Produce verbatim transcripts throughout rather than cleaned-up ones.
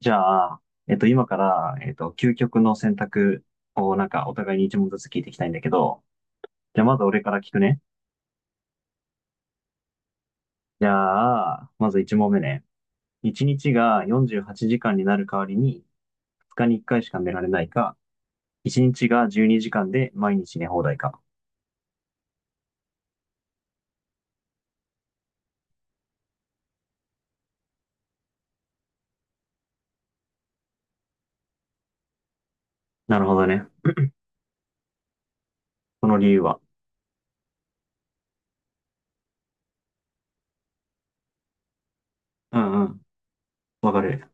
じゃあ、えっと、今から、えっと、究極の選択をなんかお互いに一問ずつ聞いていきたいんだけど、じゃあまず俺から聞くね。じゃあ、まず一問目ね。一日がよんじゅうはちじかんになる代わりに、二日に一回しか寝られないか、一日がじゅうにじかんで毎日寝放題か。なるほどね。この理由は。うんうん。わかる。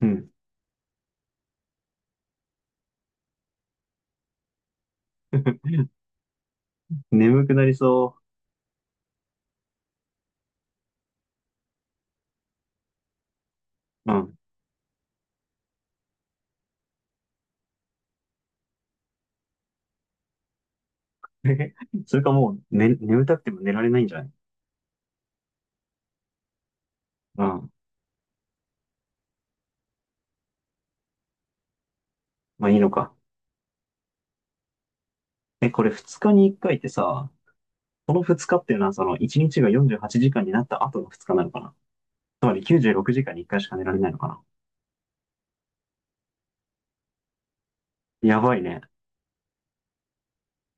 うん。眠くなりそう。うん。それかもう、ね、眠たくても寝られないんじゃない？うん。まあいいのか。え、これ二日に一回ってさ、このふつかっていうのは、そのいちにちがよんじゅうはちじかんになった後のふつかなのかな？つまりきゅうじゅうろくじかんにいっかいしか寝られないのかな？やばいね。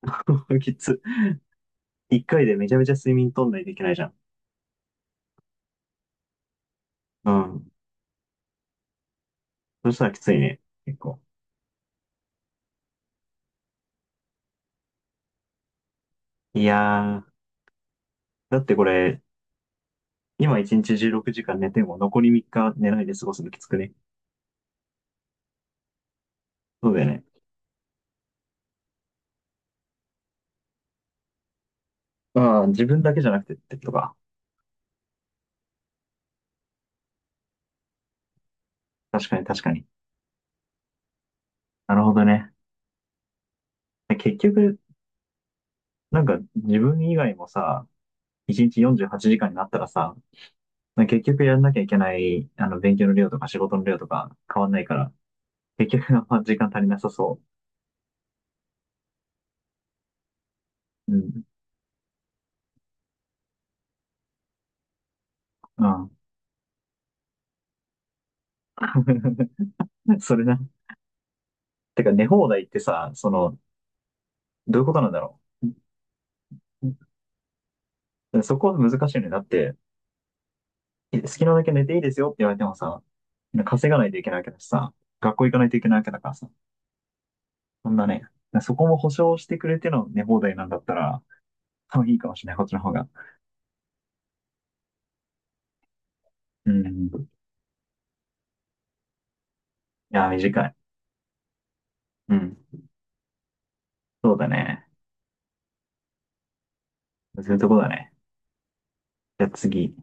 きつ。いっかいでめちゃめちゃ睡眠取んないといけないじゃん。うん。そしたらきついね。結構。いやー。だってこれ、今いちにちじゅうろくじかん寝ても残りみっか寝ないで過ごすのきつくね？そうだよね。ああ、自分だけじゃなくてってことか。確かに確かに。なるほどね。結局、なんか自分以外もさ、いちにちよんじゅうはちじかんになったらさ、まあ結局やんなきゃいけない、あの、勉強の量とか仕事の量とか変わんないから、結局あんま時間足りなさそう。うん。うん。それな。てか、寝放題ってさ、その、どういうことなんだろう。そこは難しいよね。だって、好きなだけ寝ていいですよって言われてもさ、稼がないといけないわけだしさ、学校行かないといけないわけだからさ、そんなね、そこも保証してくれての寝放題なんだったら、多分いいかもしれない、こっちの方が。うん。いや、短い。うん。そうだね。そういうとこだね。じゃあ次。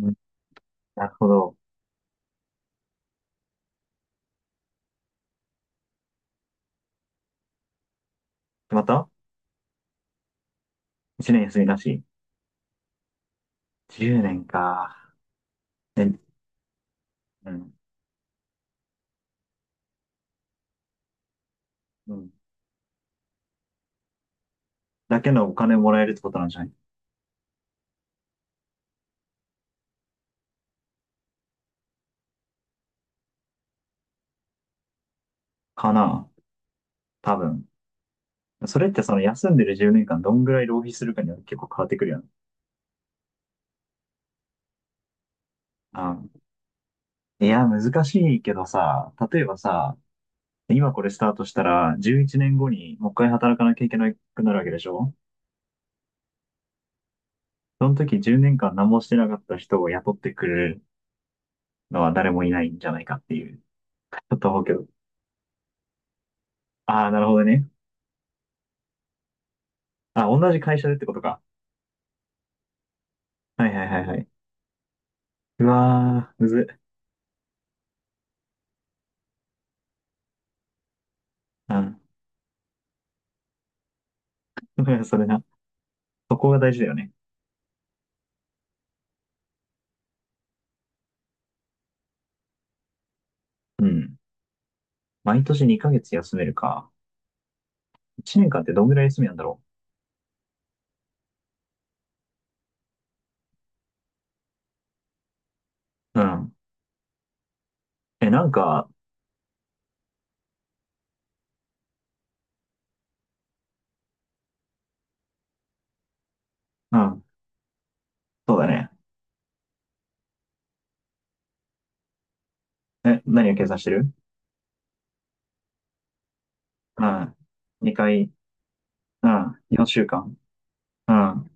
うん、なるほど。また ?いち 年休みなし。じゅうねんか。ね？うん。うん。だけのお金もらえるってことなんじゃない？かな。多分。それってその休んでるじゅうねんかんどんぐらい浪費するかによって結構変わってくるよね。あ、いや、難しいけどさ、例えばさ、今これスタートしたら、じゅういちねんごにもう一回働かなきゃいけなくなるわけでしょ？その時じゅうねんかん何もしてなかった人を雇ってくれるのは誰もいないんじゃないかっていう。ちょっと思うけど。ああ、なるほどね。あ、同じ会社でってことか。はいはいはいはい。うわー、むずっ。うん。それな。そこが大事だよね。うん。毎年にかげつ休めるか。いちねんかんってどんぐらい休みなんだろう。うん。え、なんか、うん。そうだね。え、何を計算してる？うん。にかい、うん。よんしゅうかん。うん。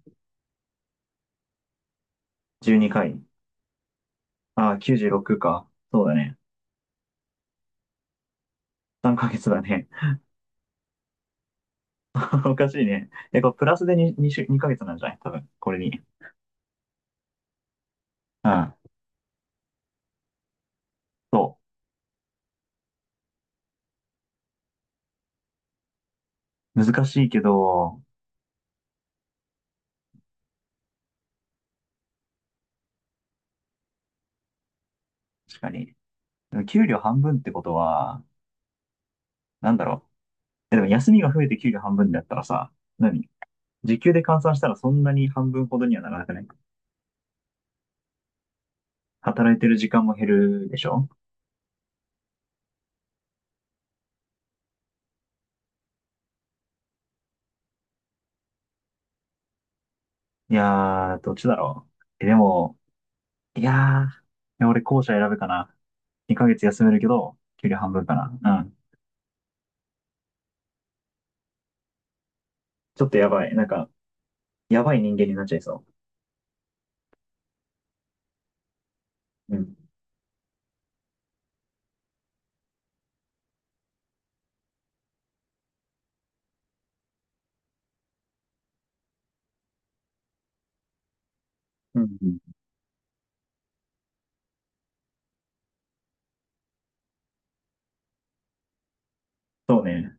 じゅうにかい。ああ、きゅうじゅうろくか。そうだね。さんかげつだね。おかしいね。え、これプラスで2、2週、にかげつなんじゃない？多分、これに。うん。そう。難しいけど、確かに。でも給料半分ってことは、なんだろう。え、でも休みが増えて給料半分だったらさ、何？時給で換算したらそんなに半分ほどにはならなくない？働いてる時間も減るでしょ？いやー、どっちだろう。え、でも、いやー、いや俺後者選ぶかな。にかげつ休めるけど、給料半分かな。うん。ちょっとやばい。なんか、やばい人間になっちゃいそう。うん。うんうん。そうね。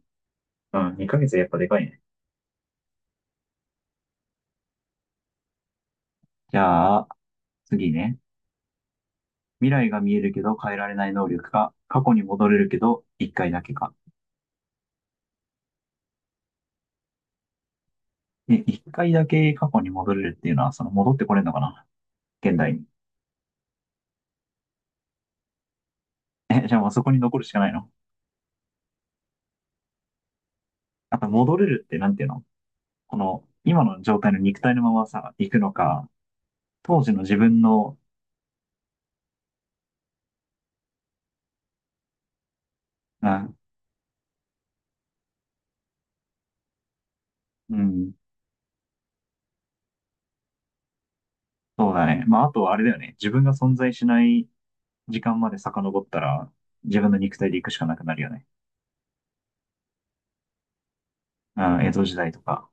うん、にかげつやっぱでかいね。じゃあ、次ね。未来が見えるけど変えられない能力か、過去に戻れるけどいっかいだけか。え、一回だけ過去に戻れるっていうのは、その戻ってこれるのかな？現代に。え、じゃあもうそこに残るしかないの？あと戻れるってなんていうの？この、今の状態の肉体のままさ、行くのか、当時の自分の、あ、うん、そうだね。まあ、あとあれだよね。自分が存在しない時間まで遡ったら、自分の肉体で行くしかなくなるよね。あー、江戸時代とか。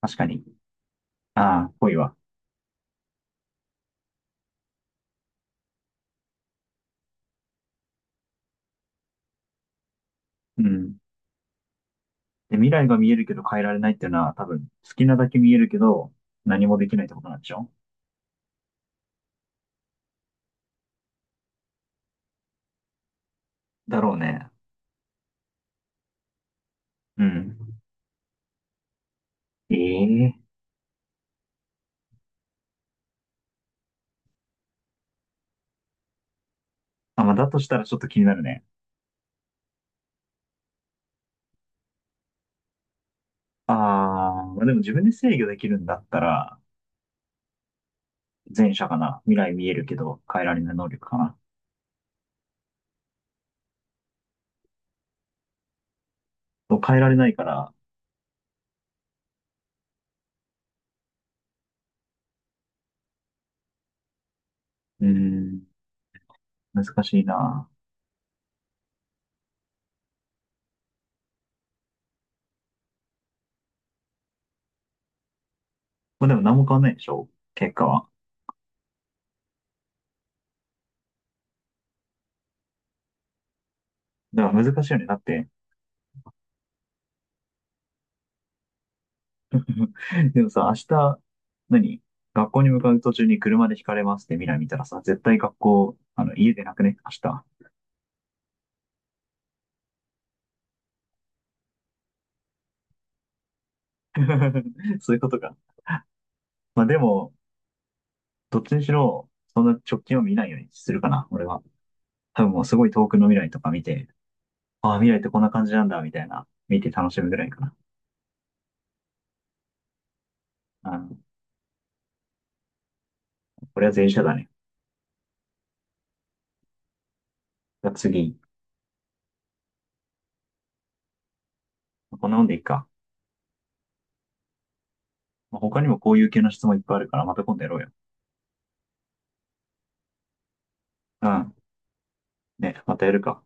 確かに。ああ、ぽいわ。うん。で、未来が見えるけど変えられないっていうのは、多分、好きなだけ見えるけど、何もできないってことなんでしょ？だろうね。うん。ええ、あ、まあ、だとしたらちょっと気になるね。ああ、まあ、でも自分で制御できるんだったら、前者かな。未来見えるけど、変えられない能力かな。そう、変えられないから、うーん、難しいな。まあ、でも何も変わんないでしょ？結果は。だから難しいよね。だって、でもさ、明日、何？学校に向かう途中に車で引かれますって未来見たらさ、絶対学校、あの、家でなくね明日？そういうことか。まあでも、どっちにしろ、そんな直近を見ないようにするかな、俺は。多分もうすごい遠くの未来とか見て、ああ、未来ってこんな感じなんだ、みたいな、見て楽しむぐらいかな。うん。これは前者だね。じゃあ次。こんなもんでいいか。まあ他にもこういう系の質問いっぱいあるから、また今度やろうよ。うん。ね、またやるか。